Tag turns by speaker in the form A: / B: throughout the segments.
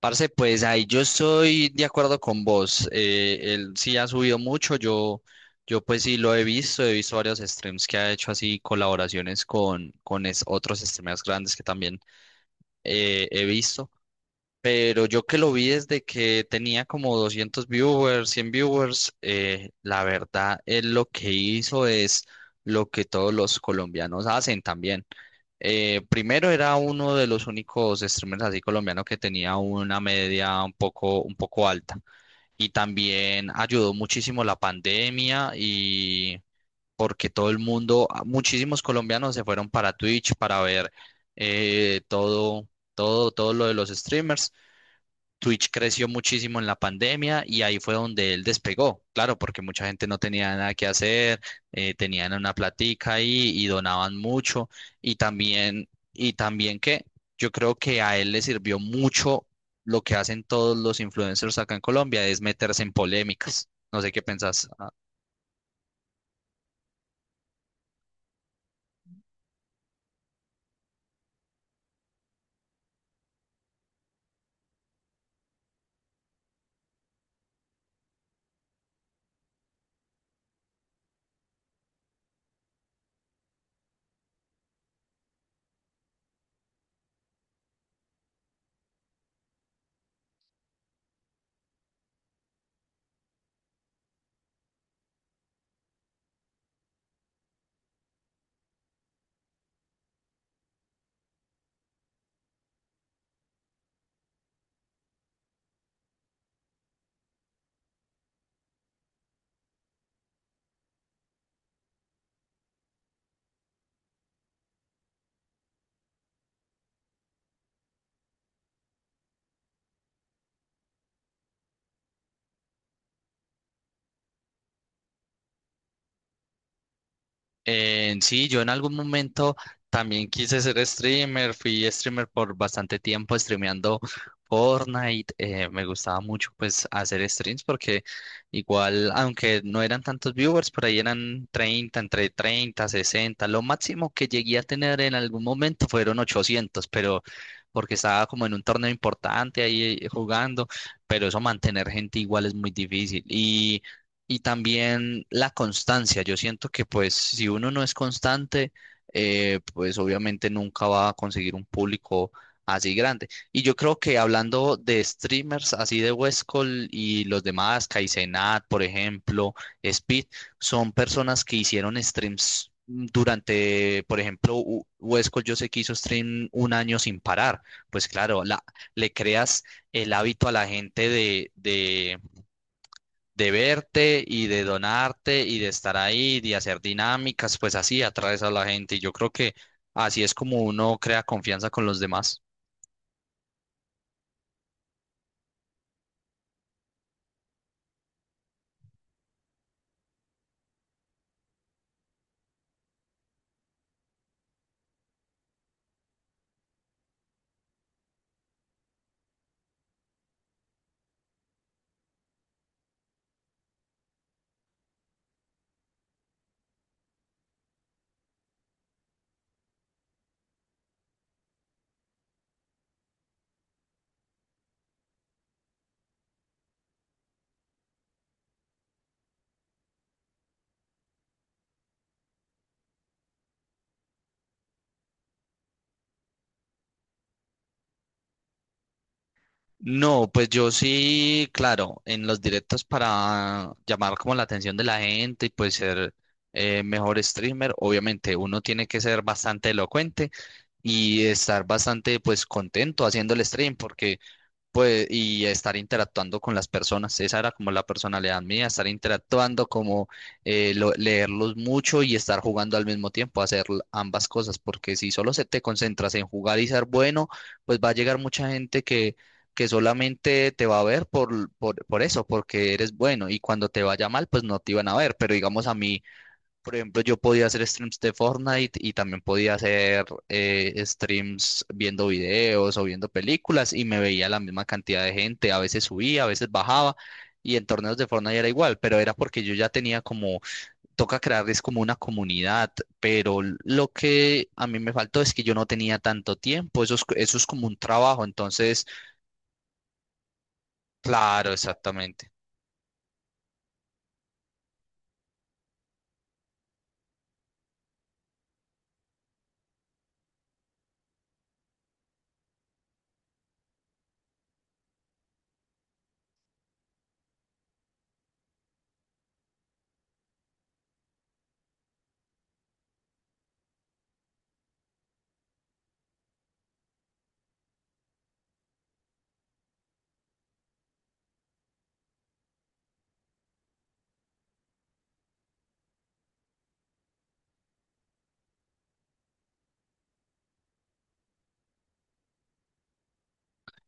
A: Parce, pues ahí yo estoy de acuerdo con vos. Él sí ha subido mucho. Yo pues sí lo he visto. He visto varios streams que ha hecho así colaboraciones con otros streamers grandes que también he visto. Pero yo que lo vi desde que tenía como 200 viewers, 100 viewers, la verdad, él lo que hizo es lo que todos los colombianos hacen también. Primero era uno de los únicos streamers así colombianos que tenía una media un poco alta. Y también ayudó muchísimo la pandemia y porque todo el mundo, muchísimos colombianos se fueron para Twitch para ver eh, todo, todo lo de los streamers. Twitch creció muchísimo en la pandemia y ahí fue donde él despegó, claro, porque mucha gente no tenía nada que hacer, tenían una platica ahí y donaban mucho y también, y también que yo creo que a él le sirvió mucho lo que hacen todos los influencers acá en Colombia, es meterse en polémicas. No sé qué pensás. Sí, yo en algún momento también quise ser streamer, fui streamer por bastante tiempo streameando Fortnite, me gustaba mucho pues hacer streams porque igual, aunque no eran tantos viewers, por ahí eran 30, entre 30, 60, lo máximo que llegué a tener en algún momento fueron 800, pero porque estaba como en un torneo importante ahí jugando, pero eso mantener gente igual es muy difícil. Y también la constancia. Yo siento que pues si uno no es constante, pues obviamente nunca va a conseguir un público así grande. Y yo creo que hablando de streamers así de Westcol y los demás, Kaizenat, por ejemplo, Speed, son personas que hicieron streams durante, por ejemplo, Westcol yo sé que hizo stream un año sin parar. Pues claro, la, le creas el hábito a la gente de verte y de donarte y de estar ahí, de hacer dinámicas, pues así atraes a la gente. Y yo creo que así es como uno crea confianza con los demás. No, pues yo sí, claro, en los directos para llamar como la atención de la gente y pues ser mejor streamer, obviamente uno tiene que ser bastante elocuente y estar bastante pues contento haciendo el stream porque pues, y estar interactuando con las personas. Esa era como la personalidad mía, estar interactuando, como leerlos mucho y estar jugando al mismo tiempo, hacer ambas cosas, porque si solo se te concentras en jugar y ser bueno, pues va a llegar mucha gente que solamente te va a ver por eso, porque eres bueno, y cuando te vaya mal, pues no te iban a ver. Pero digamos a mí por ejemplo, yo podía hacer streams de Fortnite y también podía hacer streams viendo videos o viendo películas y me veía la misma cantidad de gente. A veces subía, a veces bajaba y en torneos de Fortnite era igual, pero era porque yo ya tenía como, toca crearles como una comunidad, pero lo que a mí me faltó es que yo no tenía tanto tiempo. Eso es como un trabajo, entonces, claro, exactamente.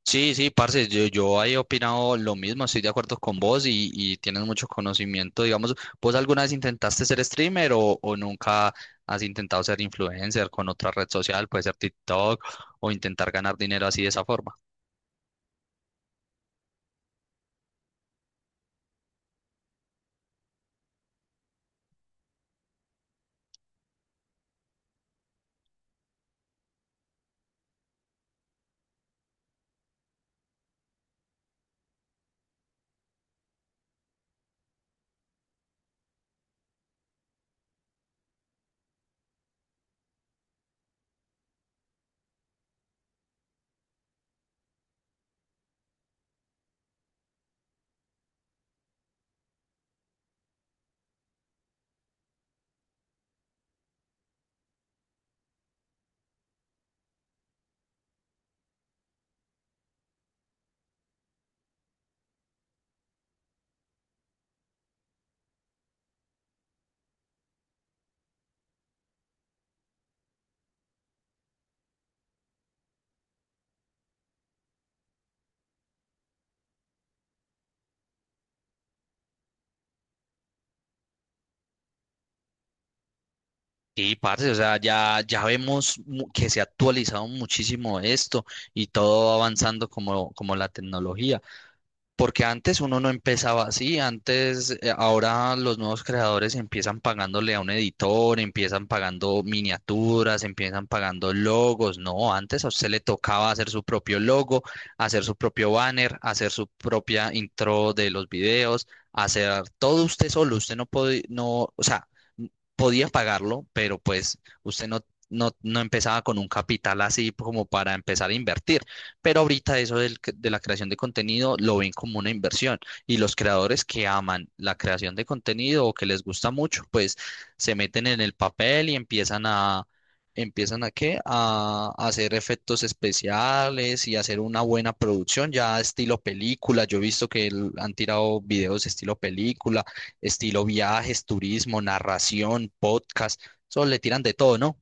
A: Sí, sí, parce, yo he opinado lo mismo, estoy de acuerdo con vos y tienes mucho conocimiento, digamos, ¿vos alguna vez intentaste ser streamer o nunca has intentado ser influencer con otra red social, puede ser TikTok o intentar ganar dinero así de esa forma? Sí, parce, o sea, ya vemos que se ha actualizado muchísimo esto y todo va avanzando como, como la tecnología. Porque antes uno no empezaba así, antes, ahora los nuevos creadores empiezan pagándole a un editor, empiezan pagando miniaturas, empiezan pagando logos. No, antes a usted le tocaba hacer su propio logo, hacer su propio banner, hacer su propia intro de los videos, hacer todo usted solo. Usted no podía, no, o sea, podía pagarlo, pero pues usted no empezaba con un capital así como para empezar a invertir. Pero ahorita eso del de la creación de contenido lo ven como una inversión y los creadores que aman la creación de contenido o que les gusta mucho, pues se meten en el papel y empiezan a, empiezan a qué? A hacer efectos especiales y hacer una buena producción ya estilo película. Yo he visto que han tirado videos estilo película, estilo viajes, turismo, narración, podcast, eso le tiran de todo, ¿no?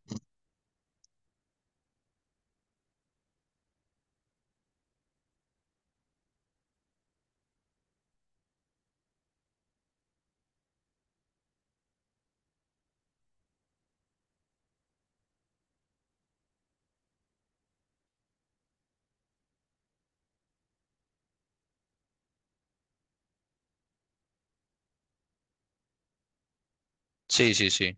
A: Sí, sí, sí.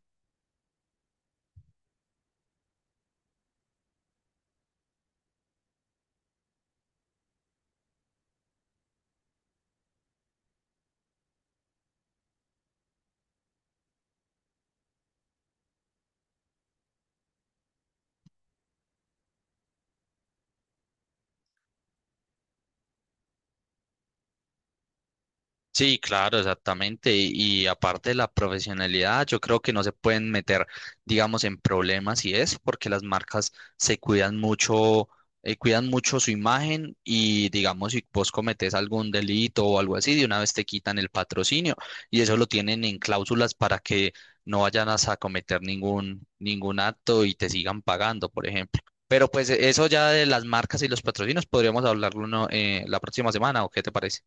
A: Sí, claro, exactamente. Y aparte de la profesionalidad, yo creo que no se pueden meter, digamos, en problemas y eso, porque las marcas se cuidan mucho su imagen y, digamos, si vos cometés algún delito o algo así, de una vez te quitan el patrocinio y eso lo tienen en cláusulas para que no vayan a cometer ningún acto y te sigan pagando, por ejemplo. Pero pues eso ya de las marcas y los patrocinios podríamos hablarlo uno la próxima semana, ¿o qué te parece?